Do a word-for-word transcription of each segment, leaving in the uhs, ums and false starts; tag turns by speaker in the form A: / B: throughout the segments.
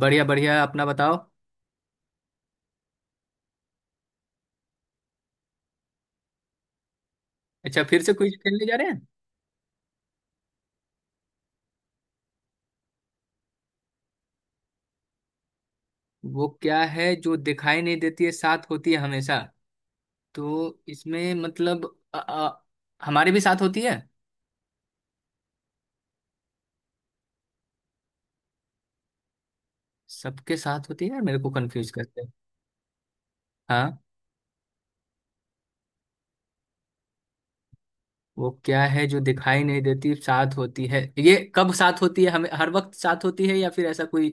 A: बढ़िया बढ़िया, अपना बताओ। अच्छा, फिर से क्विज खेलने जा रहे हैं। वो क्या है जो दिखाई नहीं देती है, साथ होती है हमेशा? तो इसमें मतलब अ, अ, हमारे भी साथ होती है। सबके साथ होती है यार, मेरे को कंफ्यूज करते हैं। हाँ। वो क्या है जो दिखाई नहीं देती, साथ होती है? ये कब साथ होती है? हमें हर वक्त साथ होती है या फिर ऐसा कोई?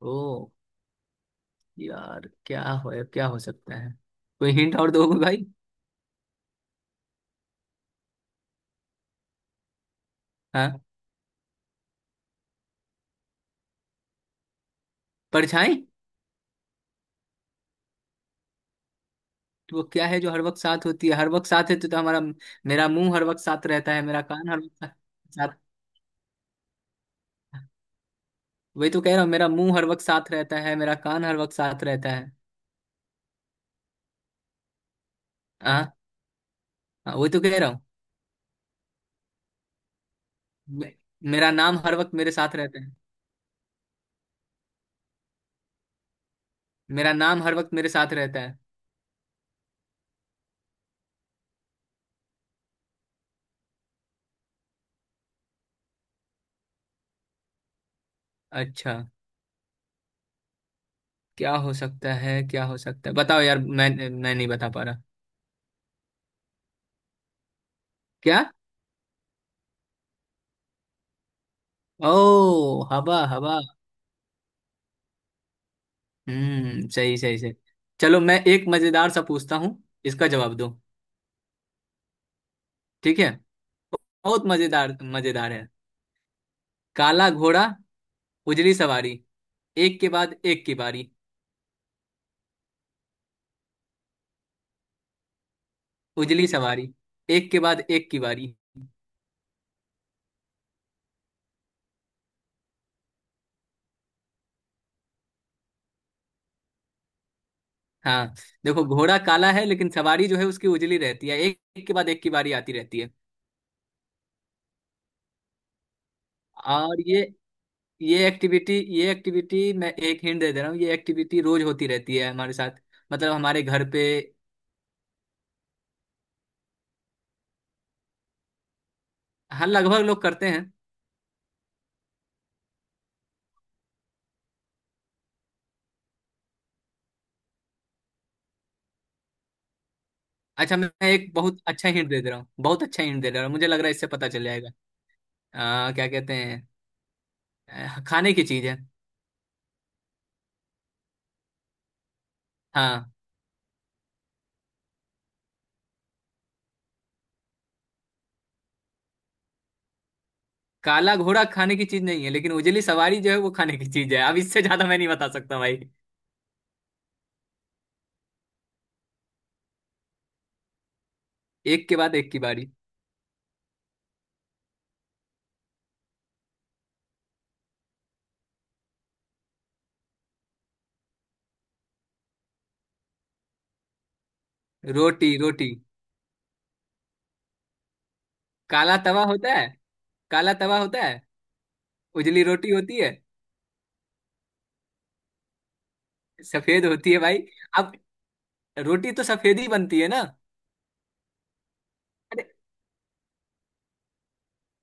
A: ओ यार, क्या हो क्या हो सकता है? कोई हिंट और दोगे भाई? हाँ। परछाई। तो वो क्या है जो हर वक्त साथ होती है? हर वक्त साथ है तो, तो हमारा मेरा मुंह हर वक्त साथ रहता है, मेरा कान हर वक्त साथ। वही तो कह रहा हूँ, मेरा मुंह हर वक्त साथ रहता है, मेरा कान हर वक्त साथ रहता है। हाँ। हाँ, वही तो कह रहा हूँ। मे- मेरा नाम हर वक्त मेरे साथ रहता है। मेरा नाम हर वक्त मेरे साथ रहता है। अच्छा, क्या हो सकता है? क्या हो सकता है बताओ यार, मैं मैं नहीं बता पा रहा। क्या? ओ, हवा हवा। हम्म, सही सही सही। चलो मैं एक मजेदार सा पूछता हूँ, इसका जवाब दो। ठीक है। बहुत मजेदार मजेदार है। काला घोड़ा उजली सवारी, एक के बाद एक की बारी। उजली सवारी, एक के बाद एक की बारी। हाँ। देखो, घोड़ा काला है लेकिन सवारी जो है उसकी उजली रहती है। एक, एक के बाद एक की बारी आती रहती है। और ये ये एक्टिविटी, ये एक्टिविटी मैं एक हिंट दे दे रहा हूँ, ये एक्टिविटी रोज होती रहती है हमारे साथ। मतलब हमारे घर पे। हाँ, लगभग लोग करते हैं। अच्छा, मैं एक बहुत अच्छा हिंट दे दे रहा हूँ, बहुत अच्छा हिंट दे दे रहा हूँ, मुझे लग रहा है इससे पता चल जाएगा। आ, क्या कहते हैं, अ, खाने की चीज है। हाँ। काला घोड़ा खाने की चीज नहीं है, लेकिन उजली सवारी जो है वो खाने की चीज है। अब इससे ज्यादा मैं नहीं बता सकता भाई। एक के बाद एक की बारी। रोटी रोटी। काला तवा होता है। काला तवा होता है। उजली रोटी होती है। सफेद होती है भाई। अब रोटी तो सफेद ही बनती है ना। अरे,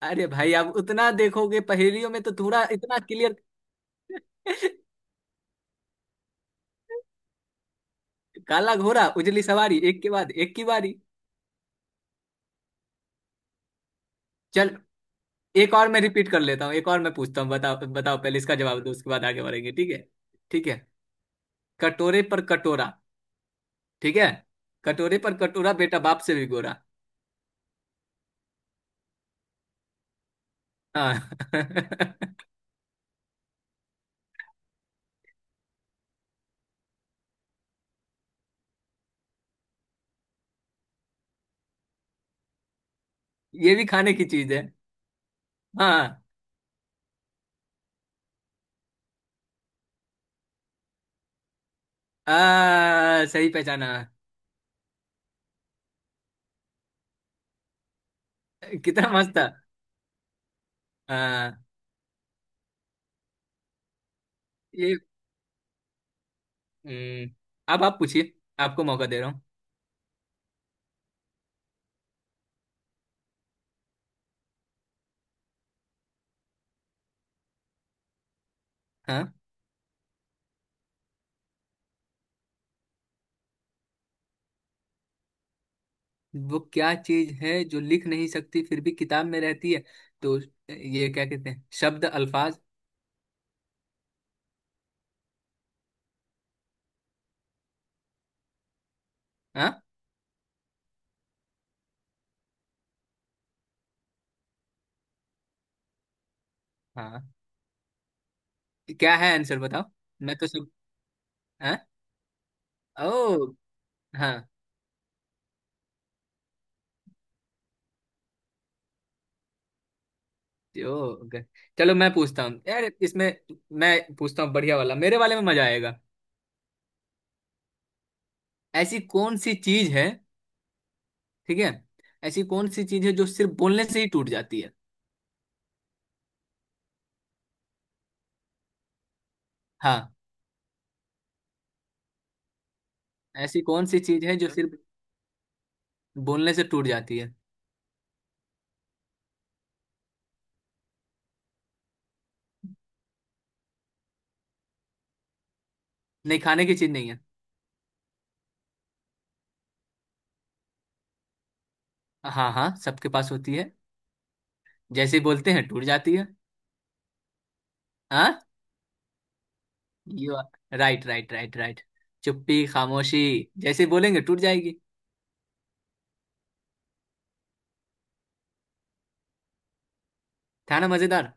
A: अरे भाई आप उतना देखोगे पहेलियों में तो थोड़ा इतना क्लियर। काला घोड़ा उजली सवारी, एक के बाद एक की बारी। चल, एक और मैं रिपीट कर लेता हूँ, एक और मैं पूछता हूँ। बताओ बताओ, पहले इसका जवाब दो उसके बाद आगे बढ़ेंगे, ठीक है। ठीक है। कटोरे पर कटोरा। ठीक है। कटोरे पर कटोरा, बेटा बाप से भी गोरा। हाँ। ये भी खाने की चीज है। हाँ। आ, सही पहचाना। कितना मस्त था। हाँ। ये हम्म, अब आप पूछिए। आपको मौका दे रहा हूँ। हाँ। वो क्या चीज है जो लिख नहीं सकती, फिर भी किताब में रहती है? तो ये क्या कहते हैं, शब्द अल्फाज। हाँ। हाँ। क्या है आंसर बताओ, मैं तो सब। हाँ। ओ हाँ। ओ, ओके। चलो मैं पूछता हूँ यार इसमें। मैं पूछता हूँ बढ़िया वाला, मेरे वाले में मजा आएगा। ऐसी कौन सी चीज है, ठीक है, ऐसी कौन सी चीज है जो सिर्फ बोलने से ही टूट जाती है? हाँ। ऐसी कौन सी चीज है जो सिर्फ बोलने से टूट जाती है? नहीं, खाने की चीज नहीं है। हाँ हाँ, सबके पास होती है। जैसे ही बोलते हैं टूट जाती है। हाँ। You. Right right right right. चुप्पी खामोशी, जैसे ही बोलेंगे टूट जाएगी। था ना मजेदार?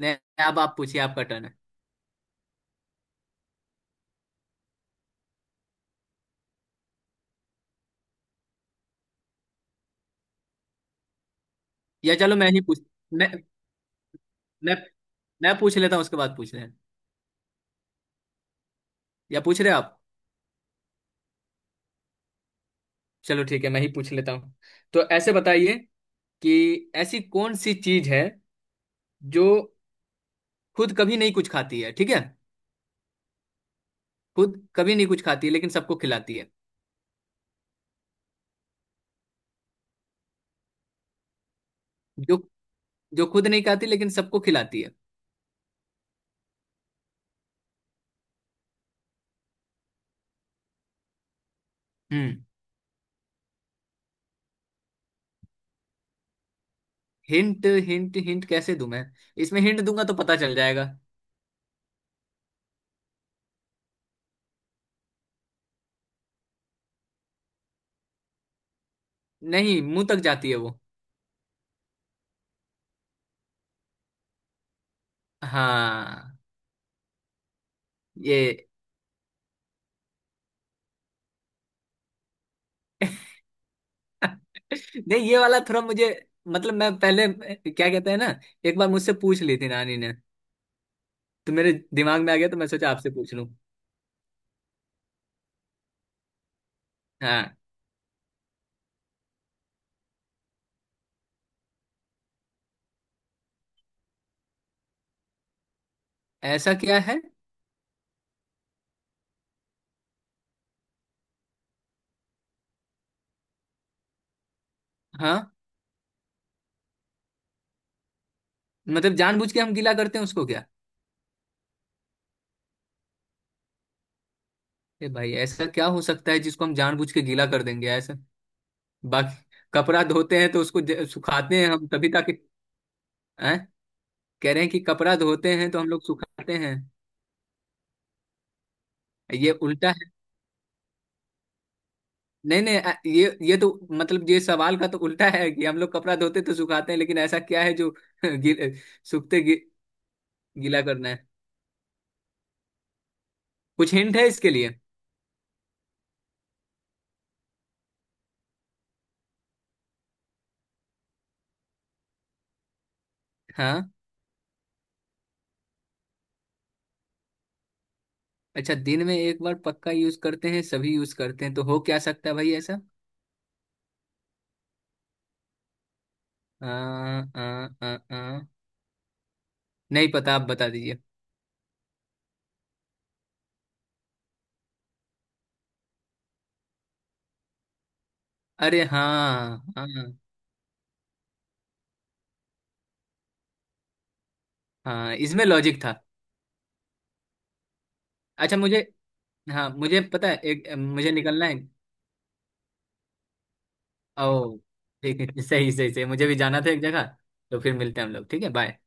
A: नहीं, अब आप पूछिए, आपका टर्न है। या चलो मैं ही पूछ, मैं मैं मैं पूछ लेता हूँ उसके बाद पूछ रहे हैं। या पूछ रहे हैं आप? चलो ठीक है, मैं ही पूछ लेता हूँ। तो ऐसे बताइए कि ऐसी कौन सी चीज है जो खुद कभी नहीं कुछ खाती है, ठीक है। खुद कभी नहीं कुछ खाती है लेकिन सबको खिलाती है। जो जो खुद नहीं खाती लेकिन सबको खिलाती है। हम्म। हिंट हिंट हिंट कैसे दूं मैं? इसमें हिंट दूंगा तो पता चल जाएगा। नहीं, मुंह तक जाती है वो। हाँ। ये नहीं, ये वाला थोड़ा मुझे, मतलब मैं पहले, क्या कहते हैं ना, एक बार मुझसे पूछ ली थी नानी ने। तो मेरे दिमाग में आ गया तो मैं सोचा आपसे पूछ लूं। हाँ। ऐसा क्या है? हाँ। मतलब जानबूझ के हम गीला करते हैं उसको क्या? ए भाई, ऐसा क्या हो सकता है जिसको हम जानबूझ के गीला कर देंगे ऐसा? बाकी कपड़ा धोते हैं तो उसको ज- सुखाते हैं हम तभी ताकि, हैं? कह रहे हैं कि कपड़ा धोते हैं तो हम लोग सुखाते हैं ये उल्टा। नहीं नहीं, आ- ये ये तो मतलब ये सवाल का तो उल्टा है कि हम लोग कपड़ा धोते तो सुखाते हैं, लेकिन ऐसा क्या है जो गीले- सूखते गी, गीला करना है? कुछ हिंट है इसके लिए? हाँ, अच्छा दिन में एक बार पक्का यूज करते हैं, सभी यूज करते हैं, तो हो क्या सकता है भाई ऐसा? आ, आ, आ, आ, नहीं पता, आप बता दीजिए। अरे हाँ हाँ। हाँ, इसमें लॉजिक था। अच्छा मुझे, हाँ मुझे पता है, एक मुझे निकलना है। ओ, ठीक है। सही सही सही, मुझे भी जाना था एक जगह। तो फिर मिलते हैं हम लोग, ठीक है, बाय।